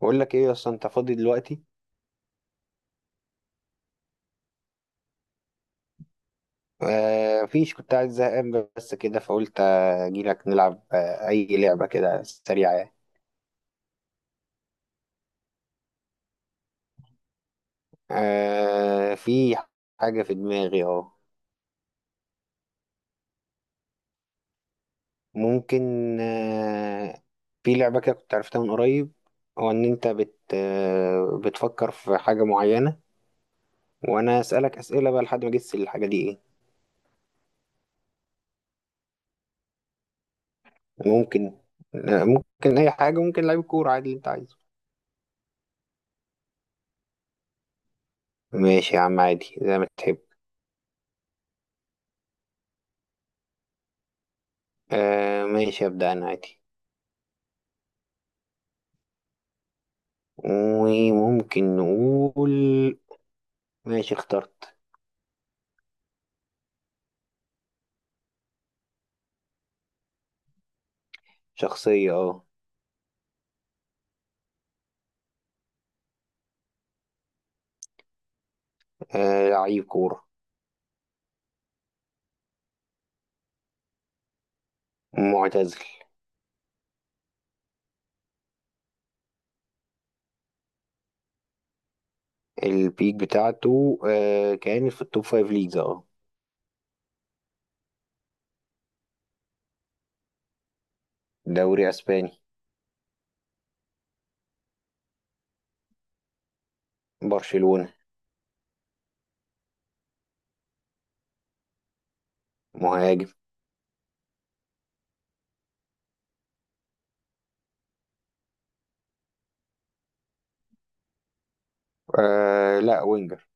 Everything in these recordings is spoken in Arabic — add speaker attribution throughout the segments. Speaker 1: بقول لك ايه يا اسطى؟ انت فاضي دلوقتي؟ آه فيش. كنت قاعد زهقان بس كده، فقلت اجي لك نلعب. اي لعبه كده سريعه يعني. آه، في حاجه في دماغي اهو. ممكن. آه في لعبه كده كنت عرفتها من قريب. هو ان انت بت آه بتفكر في حاجه معينه، وانا اسالك اسئله بقى لحد ما اجس الحاجه دي ايه. ممكن ممكن اي حاجه، ممكن لعيب كوره، عادي اللي انت عايزه. ماشي يا عم، عادي زي ما تحب. آه ماشي، ابدا انا عادي. وممكن نقول ماشي اخترت. شخصية، اه. آه، لعيب كورة. معتزل. البيك بتاعته كانت في التوب فايف ليجز، اه. دوري اسباني. برشلونة. مهاجم. آه لا، وينجر.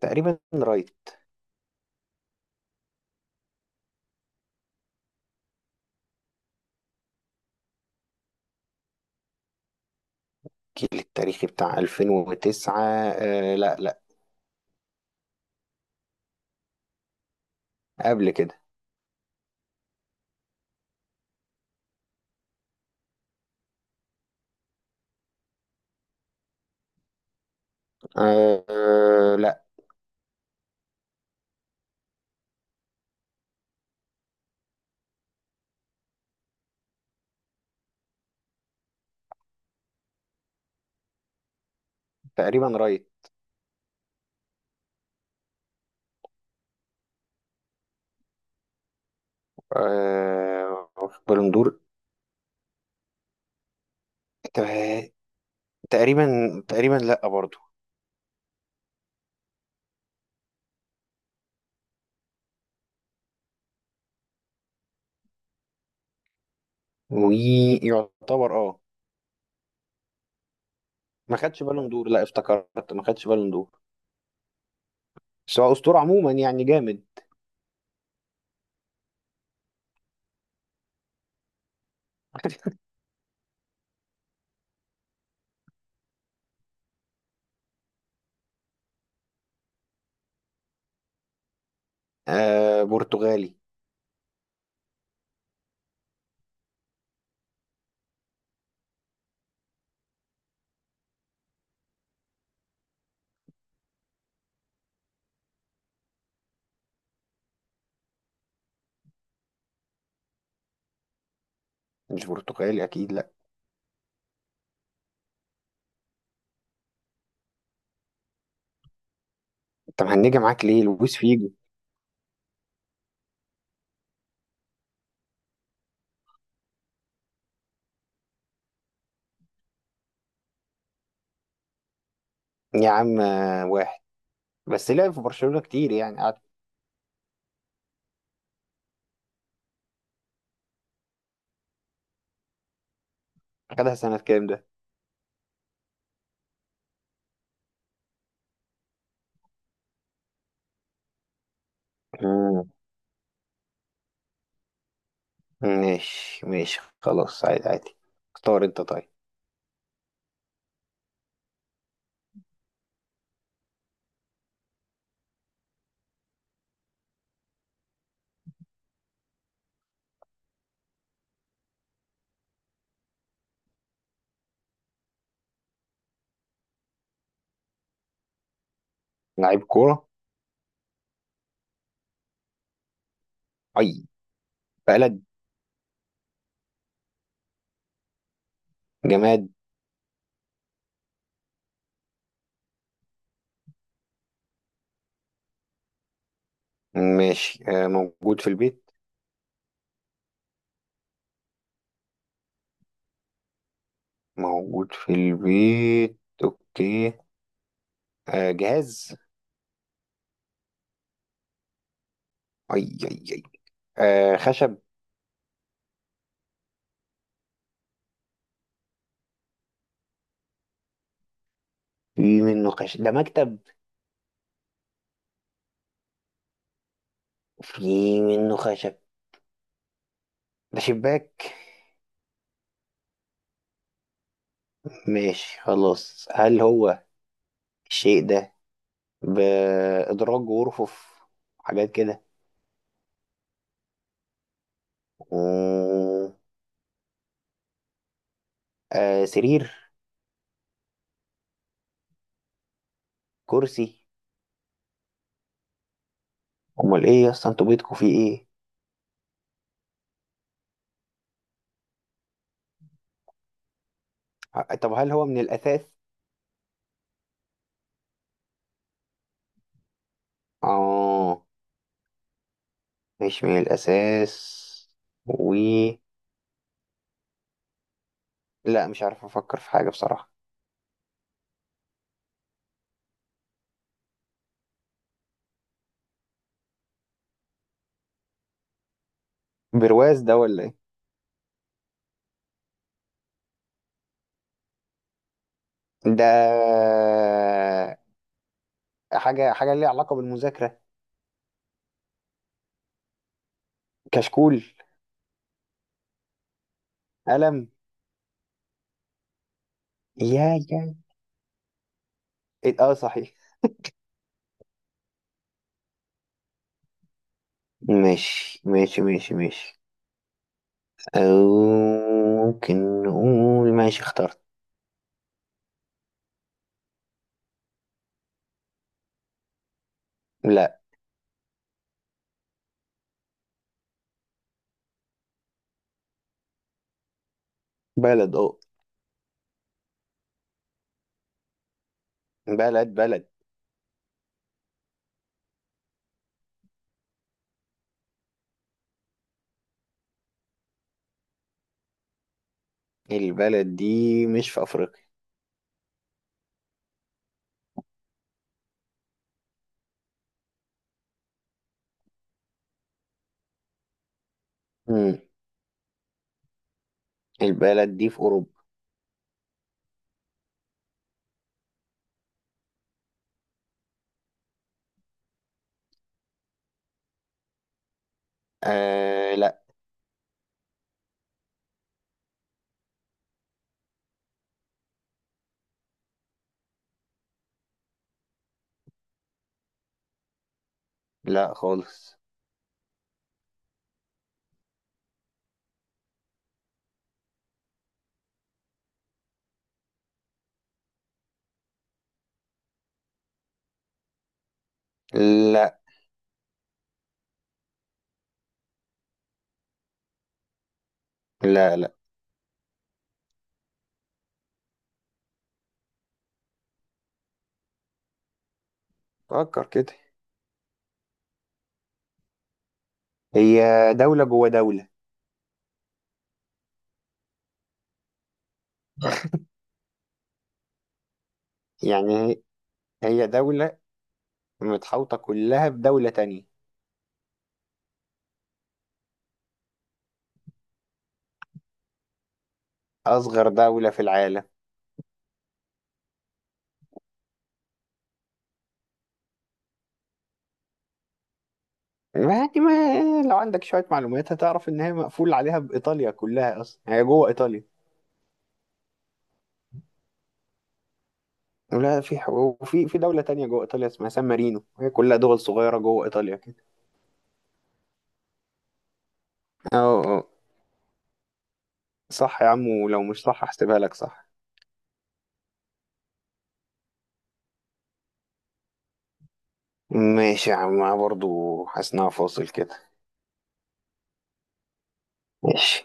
Speaker 1: تقريبا رايت. كيل التاريخي بتاع 2009. آه، لا لا. قبل كده. آه آه، لا. تقريبا رايت. آه، في بالون دور. آه، تقريبا. تقريبا لا برضه. ويعتبر اه. ما خدش بالون دور، لا افتكرت ما خدش بالون دور. بس هو اسطوره عموما يعني جامد. آه، برتغالي. مش برتغالي اكيد، لا. انت مهنجه معاك ليه لويس فيجو. يا عم آه، واحد. بس لعب في برشلونه كتير يعني، قعد. خدها سنه كام ده؟ مم. ماشي ماشي خلاص، عادي عادي. اختار انت طيب. لعيب كوره. اي بلد. جماد. ماشي. آه، موجود في البيت. موجود في البيت. اوكي. آه جهاز. اي اي اي. آه خشب. في منه خشب، ده مكتب. في منه خشب، ده شباك. ماشي خلاص، هل هو الشيء ده بإدراج ورفوف حاجات كده؟ مم، آه سرير. كرسي. امال ايه يا اسطى، انتوا بيتكم فيه ايه؟ آه، طب هل هو من الاساس؟ اه، مش من الاساس. و لا، مش عارف افكر في حاجة بصراحة. برواز ده ولا ايه ده؟ حاجه ليها علاقه بالمذاكره. كشكول. قلم. يا إيه، اه صحيح. ماشي ماشي ماشي ماشي، أو ممكن نقول ماشي اخترت. لا. بلد، اه. بلد بلد. البلد دي مش في أفريقيا. مم. البلد دي في أوروبا. آه لا. لا خالص. لا لا لا. فكر كده. هي دولة جوه دولة. يعني هي دولة متحوطة كلها بدولة تانية. أصغر دولة في العالم. يعني ما لو عندك شوية معلومات هتعرف إن هي مقفول عليها بإيطاليا، كلها أصلا هي جوه إيطاليا. ولا في ح- وفي في دولة تانية جوه إيطاليا اسمها سان مارينو. هي كلها دول صغيرة جوه إيطاليا كده. أه أه، صح يا عم، ولو مش صح هحسبها لك صح. ماشي يا عم، أنا برضو حاسس إنها فاصل كده. ماشي